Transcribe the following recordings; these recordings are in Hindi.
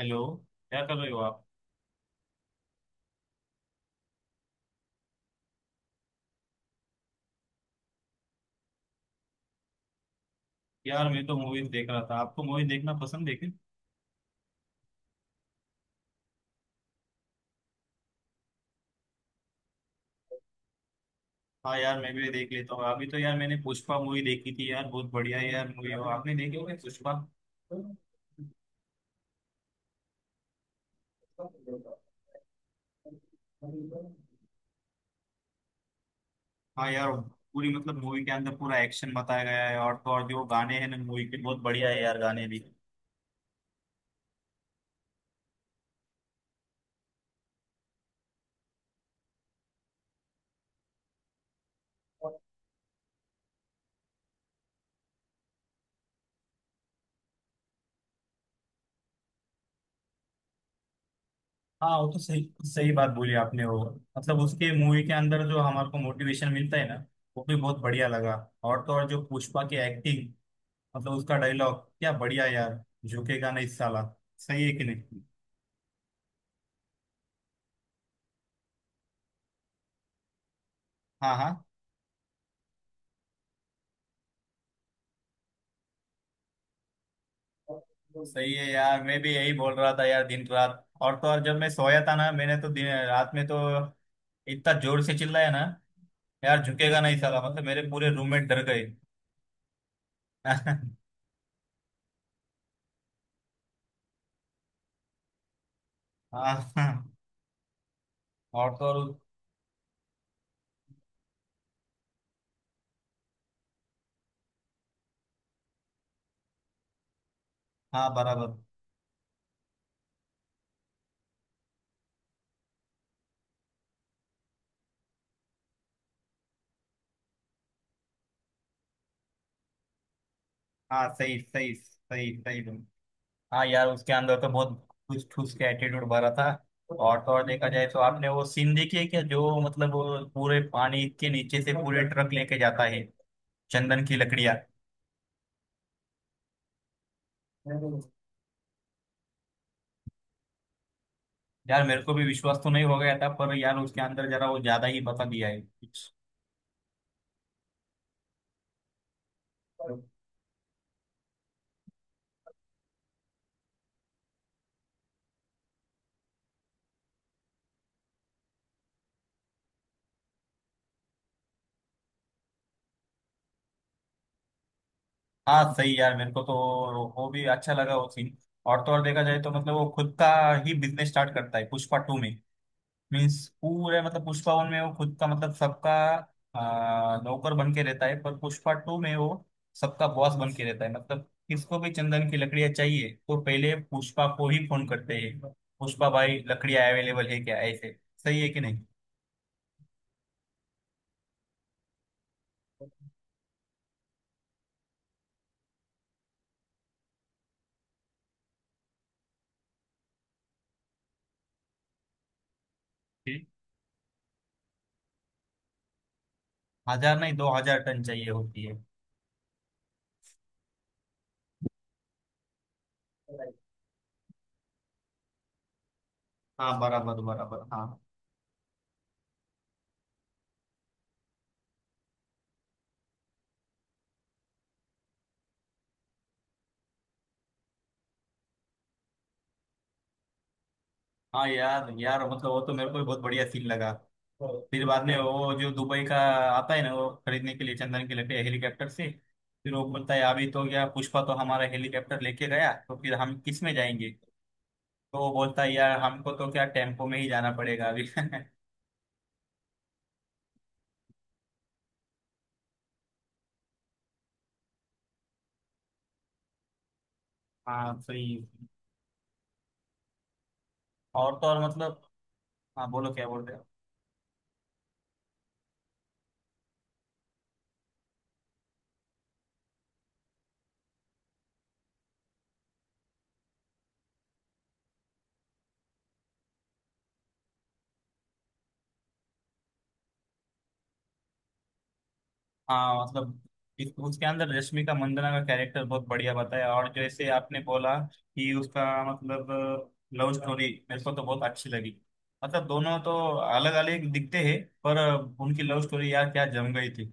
हेलो। क्या कर रहे हो आप? यार मैं तो मूवीज देख रहा था। आपको मूवी देखना पसंद है क्या? हाँ यार, मैं भी देख लेता हूँ। अभी तो यार मैंने पुष्पा मूवी देखी थी यार, बहुत बढ़िया है यार मूवी। और आपने देखी होगी पुष्पा? हाँ यार। पूरी मतलब मूवी के अंदर पूरा एक्शन बताया गया है। और तो और जो गाने हैं ना मूवी के, बहुत बढ़िया है यार गाने भी। हाँ वो तो सही, सही बात बोली आपने। वो मतलब उसके मूवी के अंदर जो हमारे को मोटिवेशन मिलता है ना, वो भी बहुत बढ़िया लगा। और तो और जो पुष्पा की एक्टिंग, मतलब उसका डायलॉग क्या बढ़िया यार, झुकेगा नहीं साला। सही है कि नहीं? हाँ हाँ। सही है यार, मैं भी यही बोल रहा था यार दिन रात। और तो और जब मैं सोया था ना, मैंने तो दिन रात में तो इतना जोर से चिल्लाया ना यार, झुकेगा नहीं साला, मतलब मेरे पूरे रूममेट डर गए। हाँ। हाँ। और तो और, हाँ बराबर। हाँ, सही सही सही सही। हाँ यार उसके अंदर तो बहुत ठूस ठूस के एटीट्यूड भरा था। और तो और देखा जाए तो, आपने वो सीन देखी है क्या, जो मतलब वो पूरे पानी के नीचे से पूरे ट्रक लेके जाता है चंदन की लकड़ियाँ? यार मेरे को भी विश्वास तो नहीं हो गया था, पर यार उसके अंदर जरा वो ज्यादा ही बता दिया है कुछ। हाँ सही। यार मेरे को तो वो भी अच्छा लगा वो सीन। और तो और देखा जाए तो मतलब वो खुद का ही बिजनेस स्टार्ट करता है पुष्पा टू में। मीन्स पूरे मतलब पुष्पा वन में वो खुद का मतलब सबका नौकर बन के रहता है, पर पुष्पा टू में वो सबका बॉस बन के रहता है। मतलब किसको भी चंदन की लकड़ियां चाहिए तो पहले पुष्पा को ही फोन करते हैं, पुष्पा भाई लकड़ियां अवेलेबल है क्या, ऐसे। सही है कि नहीं? ओके। हजार नहीं, दो हजार टन चाहिए होती है। हाँ बराबर बराबर। हाँ। हाँ यार यार मतलब वो तो मेरे को भी बहुत बढ़िया सीन लगा। फिर बाद में वो जो दुबई का आता है ना वो खरीदने के लिए चंदन के लिए हेलीकॉप्टर से, फिर वो बोलता है अभी तो क्या पुष्पा तो हमारा हेलीकॉप्टर लेके गया, तो फिर हम किस में जाएंगे? तो वो बोलता है यार हमको तो क्या टेम्पो में ही जाना पड़ेगा अभी। हाँ सही। और तो और मतलब, हाँ बोलो क्या बोल रहे हो? हाँ मतलब उसके अंदर रश्मि का मंदाना का कैरेक्टर बहुत बढ़िया बताया। और जैसे आपने बोला कि उसका मतलब लव स्टोरी, मेरे को तो बहुत अच्छी लगी। मतलब दोनों तो अलग अलग दिखते हैं पर उनकी लव स्टोरी यार क्या जम गई थी।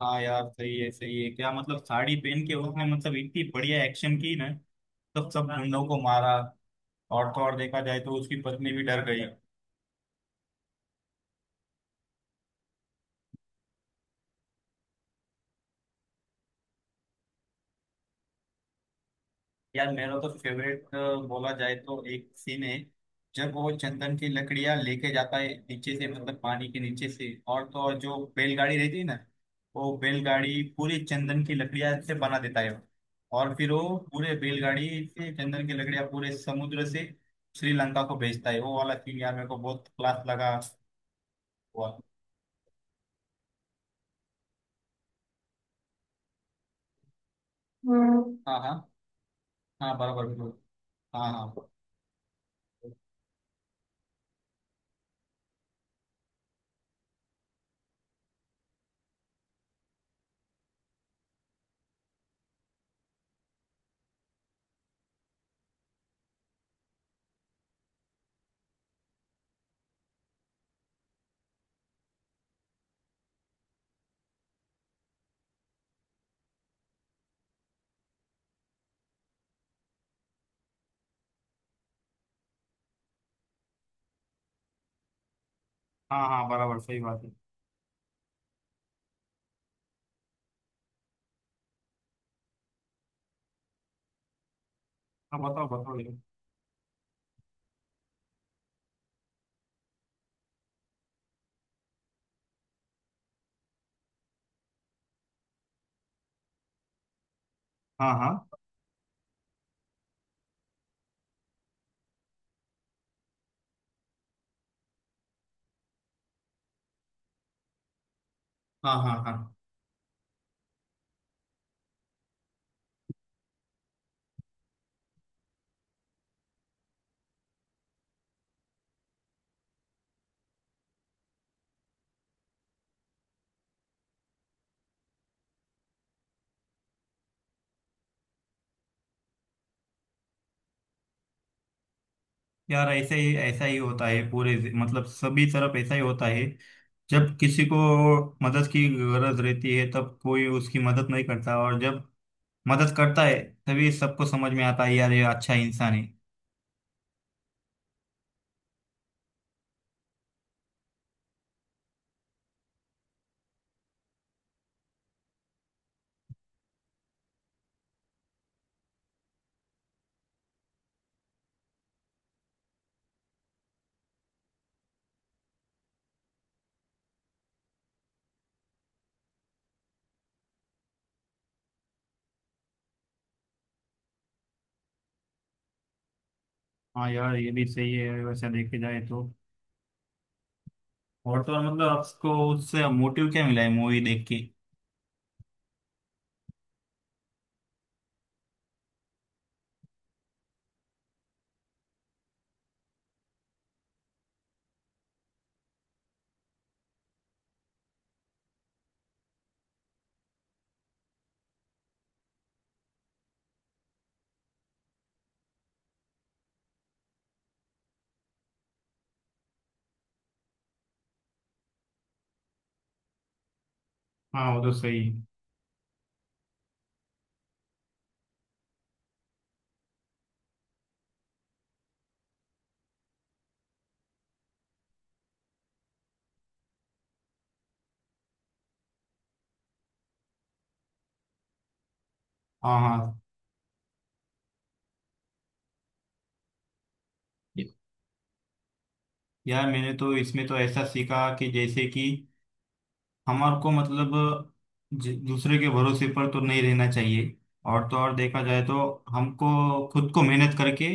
हाँ यार सही है, सही है क्या। मतलब साड़ी पहन के उसने मतलब इतनी बढ़िया एक्शन की ना, तब सब गुंडों को मारा। और तो और देखा जाए तो उसकी पत्नी भी डर गई। यार मेरा तो फेवरेट बोला जाए तो एक सीन है जब वो चंदन की लकड़ियां लेके जाता है नीचे से, मतलब पानी के नीचे से, और तो और जो बैलगाड़ी रहती है ना, वो बैलगाड़ी पूरी चंदन की लकड़ियां से बना देता है वो। और फिर वो पूरे बैलगाड़ी से चंदन की लकड़ियां पूरे समुद्र से श्रीलंका को भेजता है। वो वाला सीन यार मेरे को बहुत क्लास लगा हुआ। हाँ हाँ। हाँ बराबर, बिल्कुल। हाँ हाँ हाँ हाँ बराबर, सही बात है। हाँ बताओ बताओ ये। हाँ हाँ हाँ हाँ। हाँ यार, ऐसा ही होता है पूरे मतलब सभी तरफ ऐसा ही होता है। जब किसी को मदद की गरज रहती है तब कोई उसकी मदद नहीं करता, और जब मदद करता है तभी सबको समझ में आता है यार ये अच्छा इंसान है। हाँ यार ये भी सही है वैसे देखे जाए तो। और तो और मतलब आपको उससे मोटिव क्या मिला है मूवी देख के? हाँ वो तो सही है। हाँ हाँ। यार मैंने तो इसमें तो ऐसा सीखा कि जैसे कि हमारे को मतलब दूसरे के भरोसे पर तो नहीं रहना चाहिए। और तो और देखा जाए तो हमको खुद को मेहनत करके,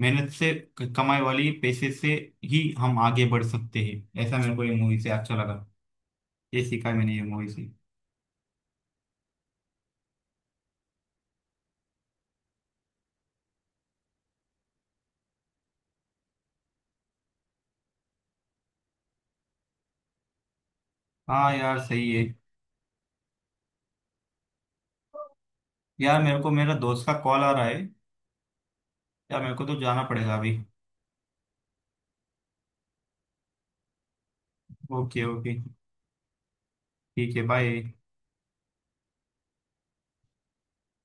मेहनत से कमाई वाली पैसे से ही हम आगे बढ़ सकते हैं। ऐसा मेरे को ये मूवी से अच्छा लगा, ये सीखा मैंने ये मूवी से। हाँ यार सही है। यार मेरे को मेरा दोस्त का कॉल आ रहा है, यार मेरे को तो जाना पड़ेगा अभी। ओके ओके, ठीक है, बाय।